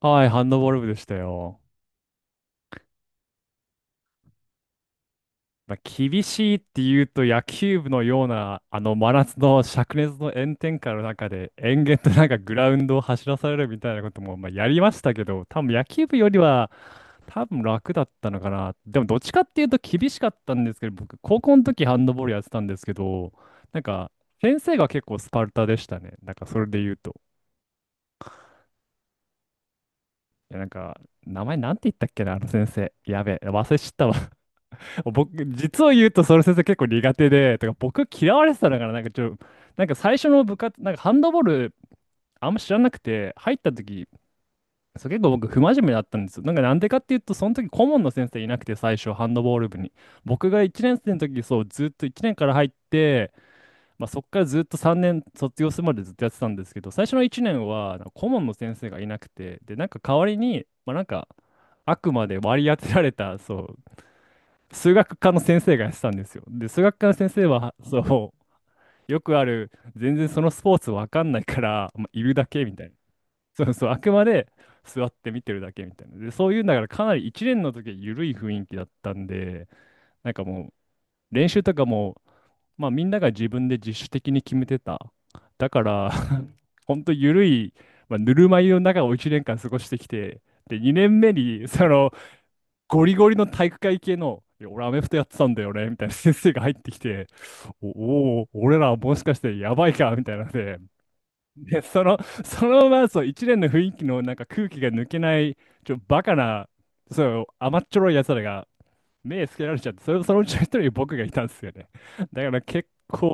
はい、ハンドボール部でしたよ。まあ、厳しいって言うと野球部のようなあの真夏の灼熱の炎天下の中で延々となんかグラウンドを走らされるみたいなこともまあやりましたけど、多分野球部よりは多分楽だったのかな。でも、どっちかっていうと厳しかったんですけど、僕高校の時ハンドボールやってたんですけど、なんか先生が結構スパルタでしたね、なんかそれで言うと。いやなんか名前なんて言ったっけな、あの先生やべえ忘れちゃったわ。僕、実を言うと、その先生結構苦手で、とか、僕嫌われてたのかな。なんかちょ、なんか最初の部活、なんかハンドボール、あんま知らなくて、入った時、そう結構僕、不真面目だったんですよ。なんかなんでかっていうと、その時、顧問の先生いなくて、最初、ハンドボール部に。僕が1年生の時、そう、ずっと1年から入って、まあ、そっからずっと3年卒業するまでずっとやってたんですけど、最初の1年は、なんか顧問の先生がいなくて、で、なんか代わりに、まあ、なんか、あくまで割り当てられた、そう、数学科の先生がやってたんですよ。で、数学科の先生は、そう、よくある、全然そのスポーツわかんないから、まあ、いるだけみたいな。そうそう、あくまで座って見てるだけみたいな。で、そういうんだから、かなり1年の時は緩い雰囲気だったんで、なんかもう、練習とかも、まあ、みんなが自分で自主的に決めてた。だから、ほんと緩い、まあ、ぬるま湯の中を1年間過ごしてきて、で、2年目に、その、ゴリゴリの体育会系の、いや俺アメフトやってたんだよね、みたいな先生が入ってきて、おおー、俺らもしかしてやばいか、みたいなので、で、その、そのままそう、一連の雰囲気のなんか空気が抜けない、バカな、そう、甘っちょろい奴らが目つけられちゃって、それそのうちの一人に僕がいたんですよね。だから結構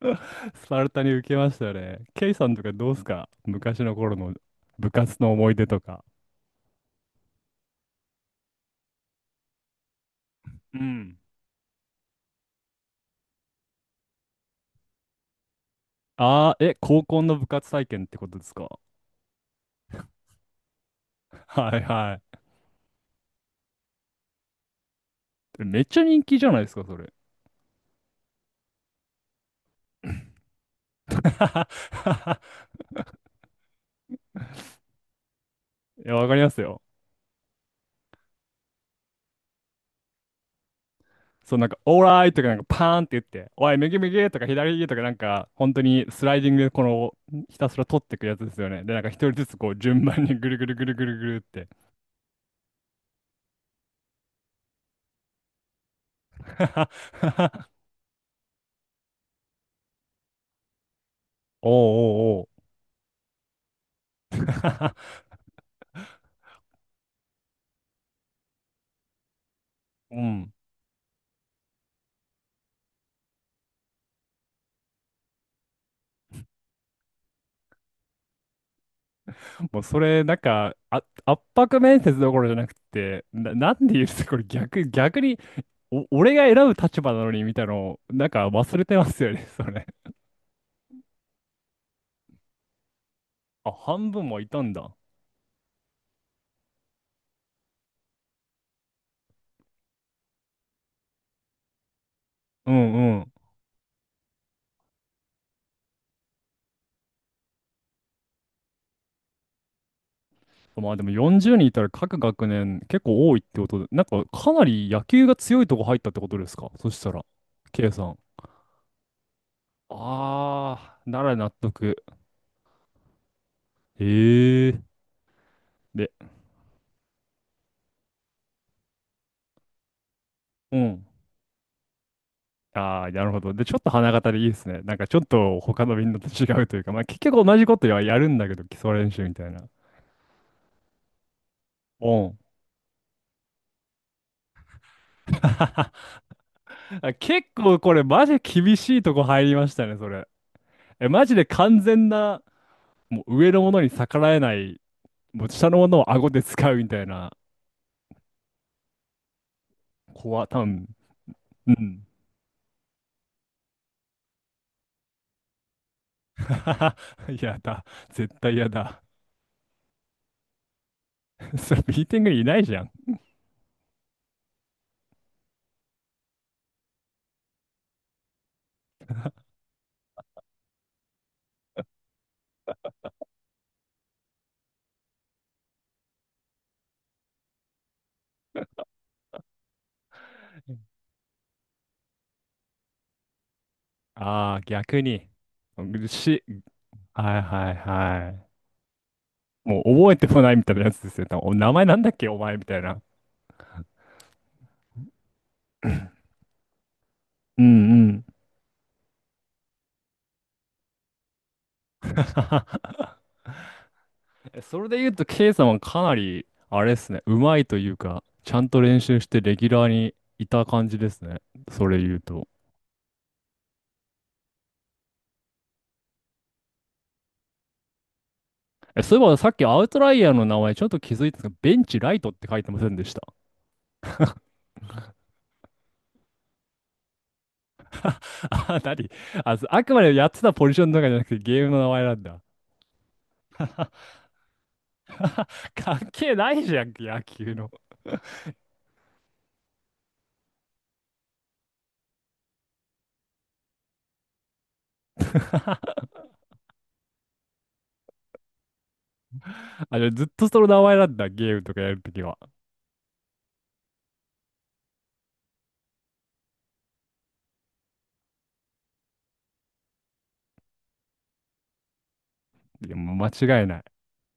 スパルタに受けましたよね。ケイさんとかどうすか、昔の頃の部活の思い出とか。うん。ああ、え、高校の部活体験ってことですか？はいはい。めっちゃ人気じゃないですか、それ。いや、わかりますよ。そう、なんか、オーライとか、なんか、パーンって言って、おい、右右とか、左右とか、なんか、本当にスライディングで、この、ひたすら取っていくやつですよね。で、なんか、一人ずつ、こう、順番にぐるぐるぐるぐるぐるって。おうおうおう。うん。もう、それ、なんか、あ、圧迫面接どころじゃなくて、なんで言うと、これ逆、逆に、お、俺が選ぶ立場なのにみたいなの、なんか忘れてますよね、それ。あ、半分もいたんだ。うんうん。まあでも40人いたら各学年結構多いってことで、なんかかなり野球が強いとこ入ったってことですか、そしたら、K さん。あー、なら納得。ええ。で、うん。ああ、なるほど。で、ちょっと花形でいいですね。なんかちょっと他のみんなと違うというか、まあ結局同じことはやるんだけど、基礎練習みたいな。うん。あ、結構これマジ厳しいとこ入りましたね、それ。え、マジで完全な、もう上のものに逆らえない、もう下のものを顎で使うみたいな子は多分、うん。やだ。絶対やだ。それミーティングにいないじゃん。ああ、逆に。うし、はいはいはい。もう覚えてもないみたいなやつですよ。多分、お名前なんだっけお前みたいな。うんうん。え、それで言うと、K さんはかなり、あれですね、うまいというか、ちゃんと練習してレギュラーにいた感じですね。それ言うと。え、そういえばさっきアウトライヤーの名前ちょっと気づいたんですが、ベンチライトって書いてませんでした？あ、なに、あ、そう、あくまでやってたポジションとかじゃなくてゲームの名前なんだ。関係ないじゃん、野球の。あ、じゃあずっとその名前なんだ、ゲームとかやるときは。いや、もう間違いない。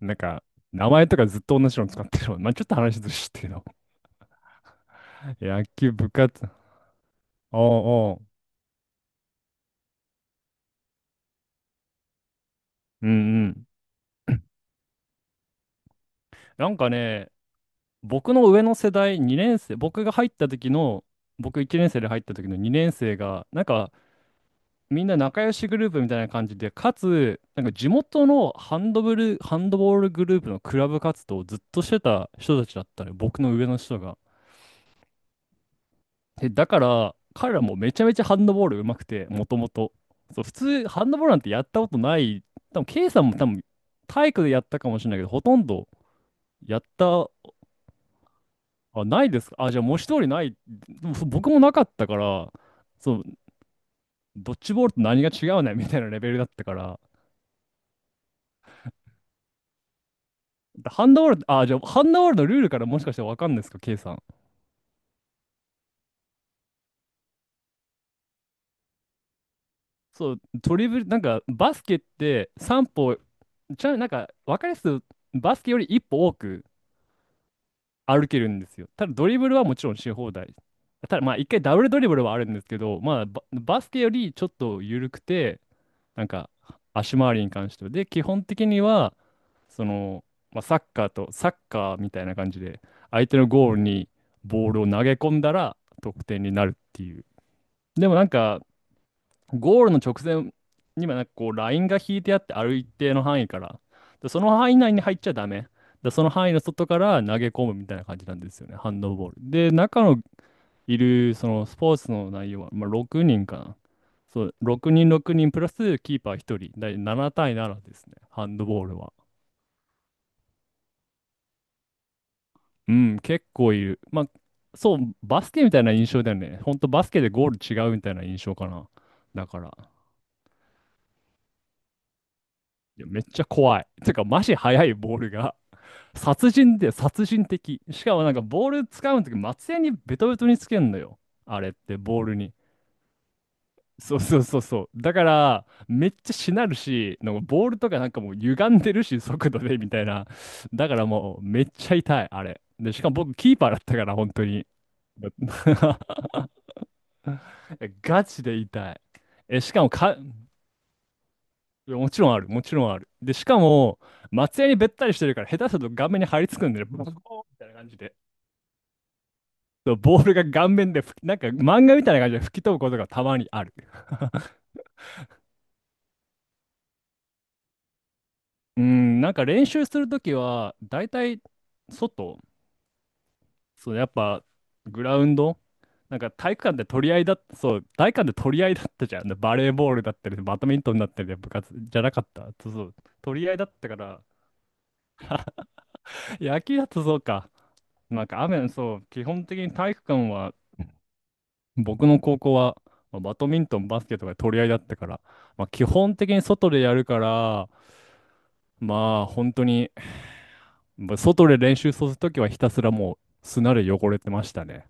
なんか、名前とかずっと同じの使ってるもん。まあ、ちょっと話ずしてるの。野球部活。おうおう。うんうん。なんかね、僕の上の世代、2年生、僕が入った時の、僕1年生で入った時の2年生が、なんかみんな仲良しグループみたいな感じで、かつ、なんか地元のハンドブル、ハンドボールグループのクラブ活動をずっとしてた人たちだったね、僕の上の人が。で、だから、彼らもめちゃめちゃハンドボール上手くて、もともと。そう、普通、ハンドボールなんてやったことない。多分、K さんも多分、体育でやったかもしれないけど、ほとんどやった。あ、ないですか、あ、じゃあ文字通りない。でもそ僕もなかったから、そう、ドッジボールと何が違うねみたいなレベルだったから。ハンドボール、あ、じゃあハンドボールのルールからもしかしてわかんないですか、K さん。そう、ドリブル、なんかバスケって3歩、なんかわかりやすくバスケより1歩多く歩けるんですよ。ただドリブルはもちろんし放題。ただまあ1回ダブルドリブルはあるんですけど、まあバスケよりちょっと緩くて、なんか足回りに関しては。で、基本的には、その、まあ、サッカーみたいな感じで、相手のゴールにボールを投げ込んだら得点になるっていう。でもなんか、ゴールの直前にはなんかこう、ラインが引いてあって、ある一定の範囲から、で、その範囲内に入っちゃダメ。で、その範囲の外から投げ込むみたいな感じなんですよね、ハンドボール。で、中のいる、そのスポーツの内容は、まあ、6人かな。そう、6人6人プラスキーパー1人、だい7対7ですね、ハンドボールは。うん、結構いる。まあ、そう、バスケみたいな印象だよね。ほんとバスケでゴール違うみたいな印象かな。だから、いや、めっちゃ怖い。てか、マジ速いボールが。殺人で殺人的。しかもなんかボール使うとき、松屋にベトベトにつけんのよ、あれって、ボールに。そうそうそうそう。だから、めっちゃしなるし、なんかボールとかなんかもう歪んでるし、速度でみたいな。だからもうめっちゃ痛い、あれ。で、しかも僕キーパーだったから、本当に。え、ガチで痛い。え、しかもか、いやもちろんある、もちろんある。で、しかも、松屋にべったりしてるから、下手すると顔面に張り付くんでね、ボコーンみたいな感じで。そうボールが顔面で吹き、なんか漫画みたいな感じで吹き飛ぶことがたまにある。うん、なんか練習するときは、だいたい外、そう、やっぱグラウンド、なんか体育館で取り合いだった、そう、体育館で取り合いだったじゃん。バレーボールだったり、バドミントンだったり、部活じゃなかった。そうそう、取り合いだったから、野球だとそうか。なんか雨、そう、基本的に体育館は、僕の高校は、まあバドミントン、バスケとか取り合いだったから、まあ、基本的に外でやるから、まあ本当に、まあ外で練習するときはひたすらもう砂で汚れてましたね。